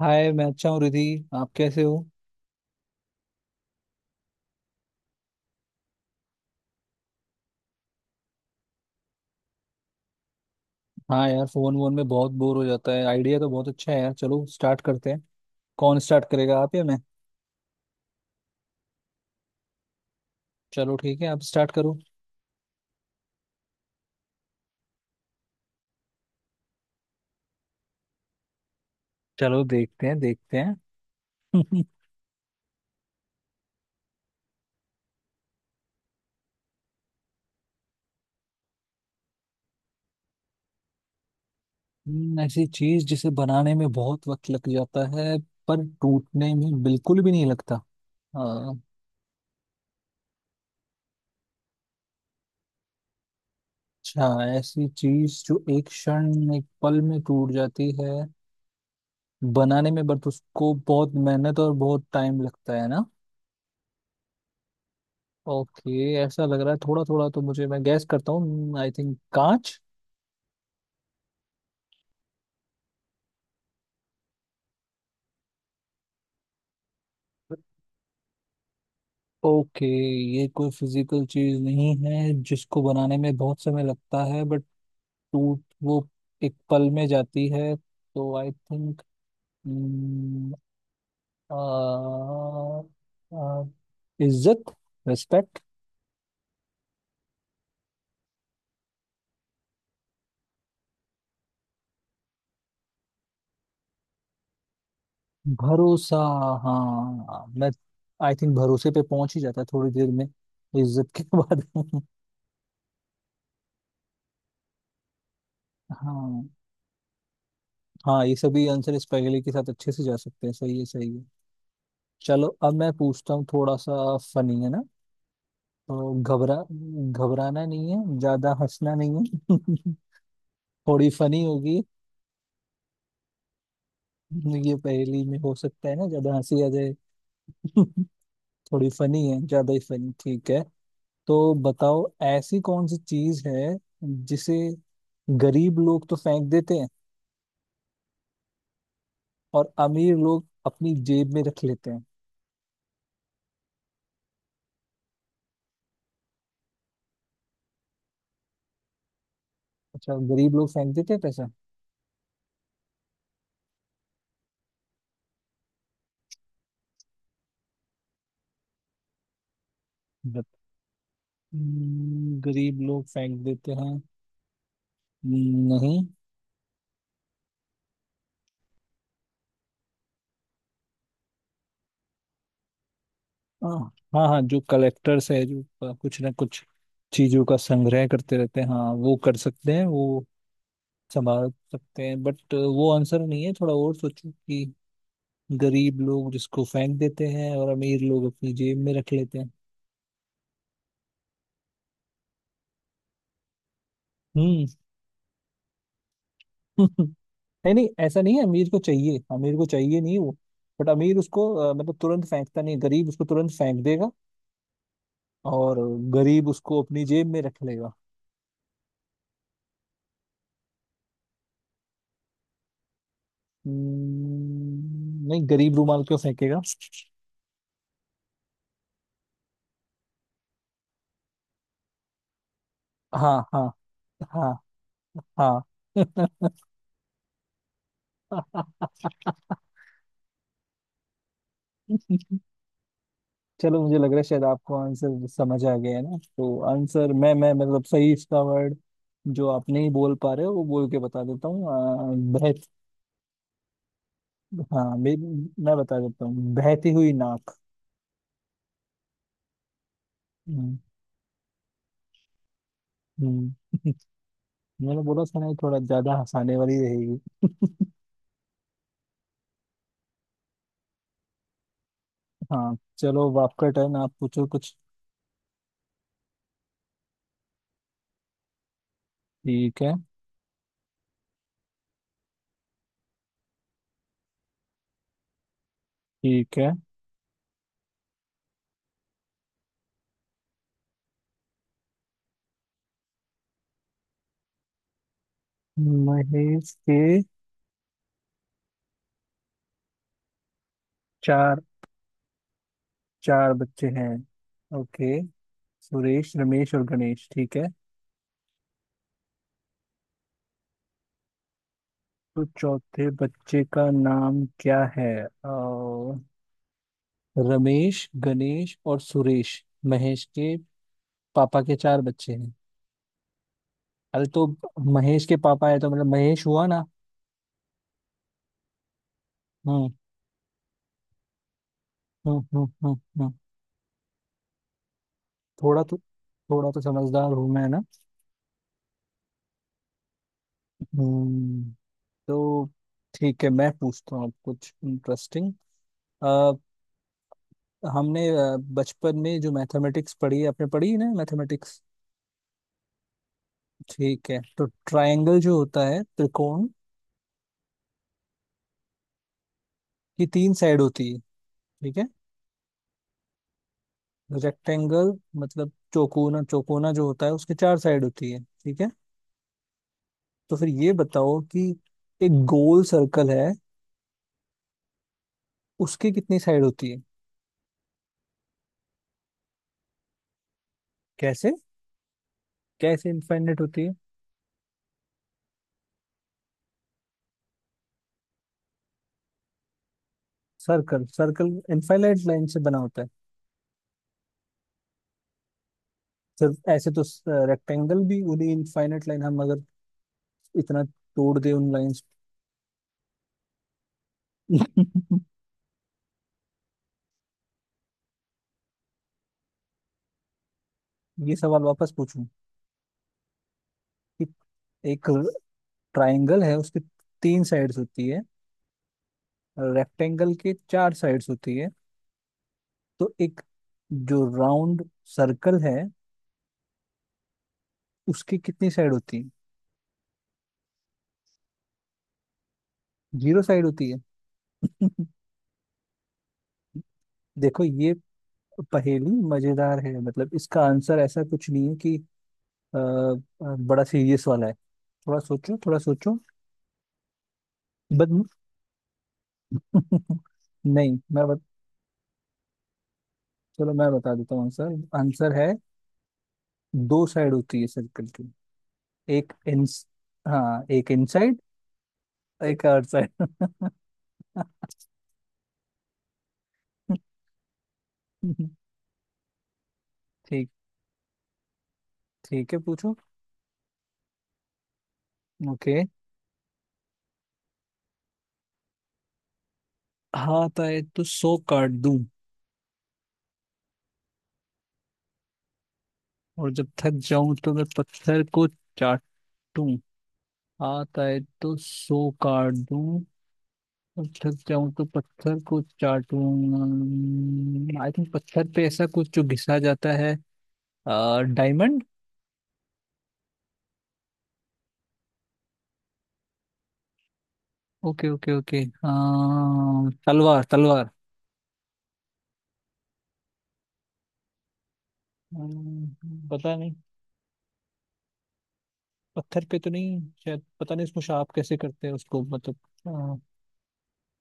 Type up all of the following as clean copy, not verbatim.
हाय। मैं अच्छा हूँ रिधि। आप कैसे हो? हाँ यार, फोन वोन में बहुत बोर हो जाता है। आइडिया तो बहुत अच्छा है यार, चलो स्टार्ट करते हैं। कौन स्टार्ट करेगा, आप या मैं? चलो ठीक है, आप स्टार्ट करो। चलो देखते हैं, देखते हैं। ऐसी चीज जिसे बनाने में बहुत वक्त लग जाता है, पर टूटने में बिल्कुल भी नहीं लगता। हाँ। अच्छा, ऐसी चीज जो एक क्षण एक पल में टूट जाती है, बनाने में बट उसको बहुत मेहनत और बहुत टाइम लगता है ना। ओके, ऐसा लग रहा है थोड़ा थोड़ा तो मुझे। मैं गैस करता हूँ, आई थिंक कांच। ओके, ये कोई फिजिकल चीज नहीं है जिसको बनाने में बहुत समय लगता है बट टूट वो एक पल में जाती है, तो आई थिंक इज्जत, रिस्पेक्ट, भरोसा। हाँ, मैं आई थिंक भरोसे पे पहुंच ही जाता है थोड़ी देर में, इज्जत के बाद। हाँ हाँ, ये सभी आंसर इस पहेली के साथ अच्छे से जा सकते हैं। सही है, सही है। चलो अब मैं पूछता हूँ थोड़ा सा। फनी है ना, तो घबराना नहीं है, ज्यादा हंसना नहीं है। थोड़ी फनी होगी। ये पहेली में हो सकता है ना ज्यादा हंसी आ जाए। थोड़ी फनी है, ज्यादा ही फनी। ठीक है। तो बताओ, ऐसी कौन सी चीज है जिसे गरीब लोग तो फेंक देते हैं और अमीर लोग अपनी जेब में रख लेते हैं? अच्छा, गरीब लोग फेंक देते हैं पैसा? गरीब लोग फेंक देते हैं? नहीं। हाँ हाँ हाँ, जो कलेक्टर्स है जो कुछ ना कुछ चीजों का संग्रह करते रहते हैं। हाँ, वो कर सकते हैं, वो संभाल सकते हैं, बट वो आंसर नहीं है। थोड़ा और सोचो कि गरीब लोग जिसको फेंक देते हैं और अमीर लोग अपनी जेब में रख लेते हैं। हम्म। नहीं नहीं, ऐसा नहीं है। अमीर को चाहिए, अमीर को चाहिए नहीं वो, बट अमीर उसको मतलब तुरंत फेंकता नहीं है। गरीब उसको तुरंत फेंक देगा, और गरीब उसको अपनी जेब में रख लेगा। नहीं, गरीब रूमाल क्यों फेंकेगा? हाँ हाँ हाँ हाँ। चलो, मुझे लग रहा है शायद आपको आंसर समझ आ गया है ना, तो आंसर मैं मतलब सही इसका वर्ड जो आप नहीं बोल पा रहे हो वो बोल के बता देता हूँ। अ, बहत हाँ मैं बता देता हूँ, बहती हुई नाक। हम्म, हम्म। मैंने बोला था ना, ये थोड़ा ज्यादा हंसाने वाली रहेगी। हाँ चलो, अब आपका टर्न। आप पूछो कुछ। ठीक है। ठीक है। महेश के चार चार बच्चे हैं। ओके, सुरेश रमेश और गणेश, ठीक है। तो चौथे बच्चे का नाम क्या है? रमेश गणेश और सुरेश। महेश के पापा के चार बच्चे हैं। अरे तो महेश के पापा है, तो मतलब महेश हुआ ना। हम्म हम्म हम्म हम्म हम्म। थोड़ा तो थोड़ा तो समझदार हूँ मैं ना। हम्म। तो ठीक है, मैं पूछता हूँ अब कुछ इंटरेस्टिंग। हमने बचपन में जो मैथमेटिक्स पढ़ी है, आपने पढ़ी है ना मैथमेटिक्स? ठीक है, तो ट्रायंगल जो होता है त्रिकोण, की तीन साइड होती है, ठीक है। रेक्टेंगल मतलब चौकोना, चौकोना जो होता है उसके चार साइड होती है, ठीक है। तो फिर ये बताओ कि एक गोल सर्कल है, उसकी कितनी साइड होती है? कैसे? कैसे इनफाइनाइट होती है? सर्कल सर्कल इनफाइनाइट लाइन से बना होता है? सिर्फ ऐसे तो रेक्टेंगल भी उन्हीं इनफाइनाइट लाइन, हम अगर इतना तोड़ दे उन लाइंस। ये सवाल वापस पूछूं कि एक ट्रायंगल है, उसकी तीन साइड्स होती है, रेक्टेंगल के चार साइड्स होती है, तो एक जो राउंड सर्कल है उसकी कितनी साइड होती है? जीरो साइड होती है? देखो, ये पहेली मजेदार है। मतलब इसका आंसर ऐसा कुछ नहीं है कि अ, अ, बड़ा सीरियस वाला है। थोड़ा सोचो, थोड़ा सोचो। बद नहीं, चलो मैं बता देता हूँ आंसर। आंसर है दो साइड होती है सर्कल की। एक इंस हाँ, एक इनसाइड, एक आउटसाइड। ठीक। ठीक है, पूछो। ओके। हाथ आए तो 100 काट दूं, और जब थक जाऊं तो मैं पत्थर को चाटूं। हाथ आए तो 100 काट दूं, और थक जाऊं तो पत्थर को चाटूं। आई थिंक पत्थर पे ऐसा कुछ जो घिसा जाता है, डायमंड। ओके ओके ओके, हाँ तलवार तलवार। पता नहीं। पत्थर पे तो नहीं शायद, पता नहीं उसको शार्प कैसे करते हैं, उसको मतलब अ,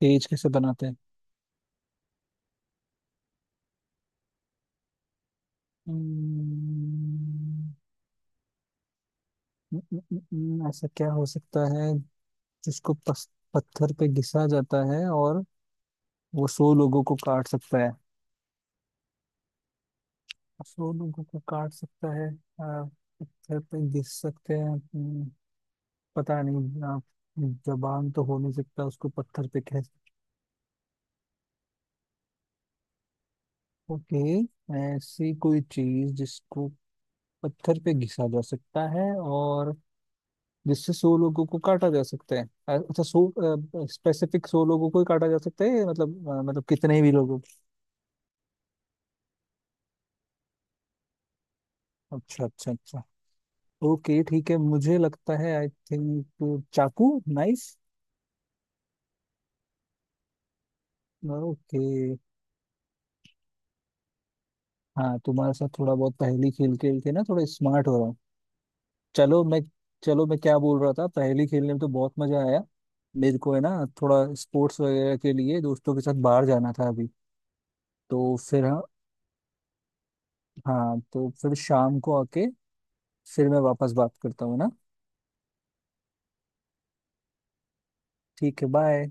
तेज कैसे बनाते हैं? हम्म, ऐसा क्या हो सकता है जिसको पत्थर पे घिसा जाता है और वो 100 लोगों को काट सकता है? 100 लोगों को काट सकता है। पत्थर पे घिस सकते हैं। पता नहीं। जबान तो हो नहीं सकता, उसको पत्थर पे कह। ओके, ऐसी कोई चीज जिसको पत्थर पे घिसा जा सकता है और जिससे 100 लोगों को काटा जा सकता है। अच्छा, 100 स्पेसिफिक 100 लोगों को ही काटा जा सकता है? या मतलब मतलब कितने भी लोगों को? अच्छा अच्छा अच्छा। ओके ठीक है, मुझे लगता है आई थिंक चाकू, नाइफ। ओके। हाँ, तुम्हारे साथ थोड़ा बहुत पहेली खेल खेल के ना, थोड़ा स्मार्ट हो रहा हूँ। चलो मैं चलो मैं क्या बोल रहा था, पहेली खेलने में तो बहुत मजा आया मेरे को, है ना। थोड़ा स्पोर्ट्स वगैरह के लिए दोस्तों के साथ बाहर जाना था अभी, तो फिर। हाँ, हाँ, तो फिर शाम को आके फिर मैं वापस बात करता हूँ ना। ठीक है, बाय।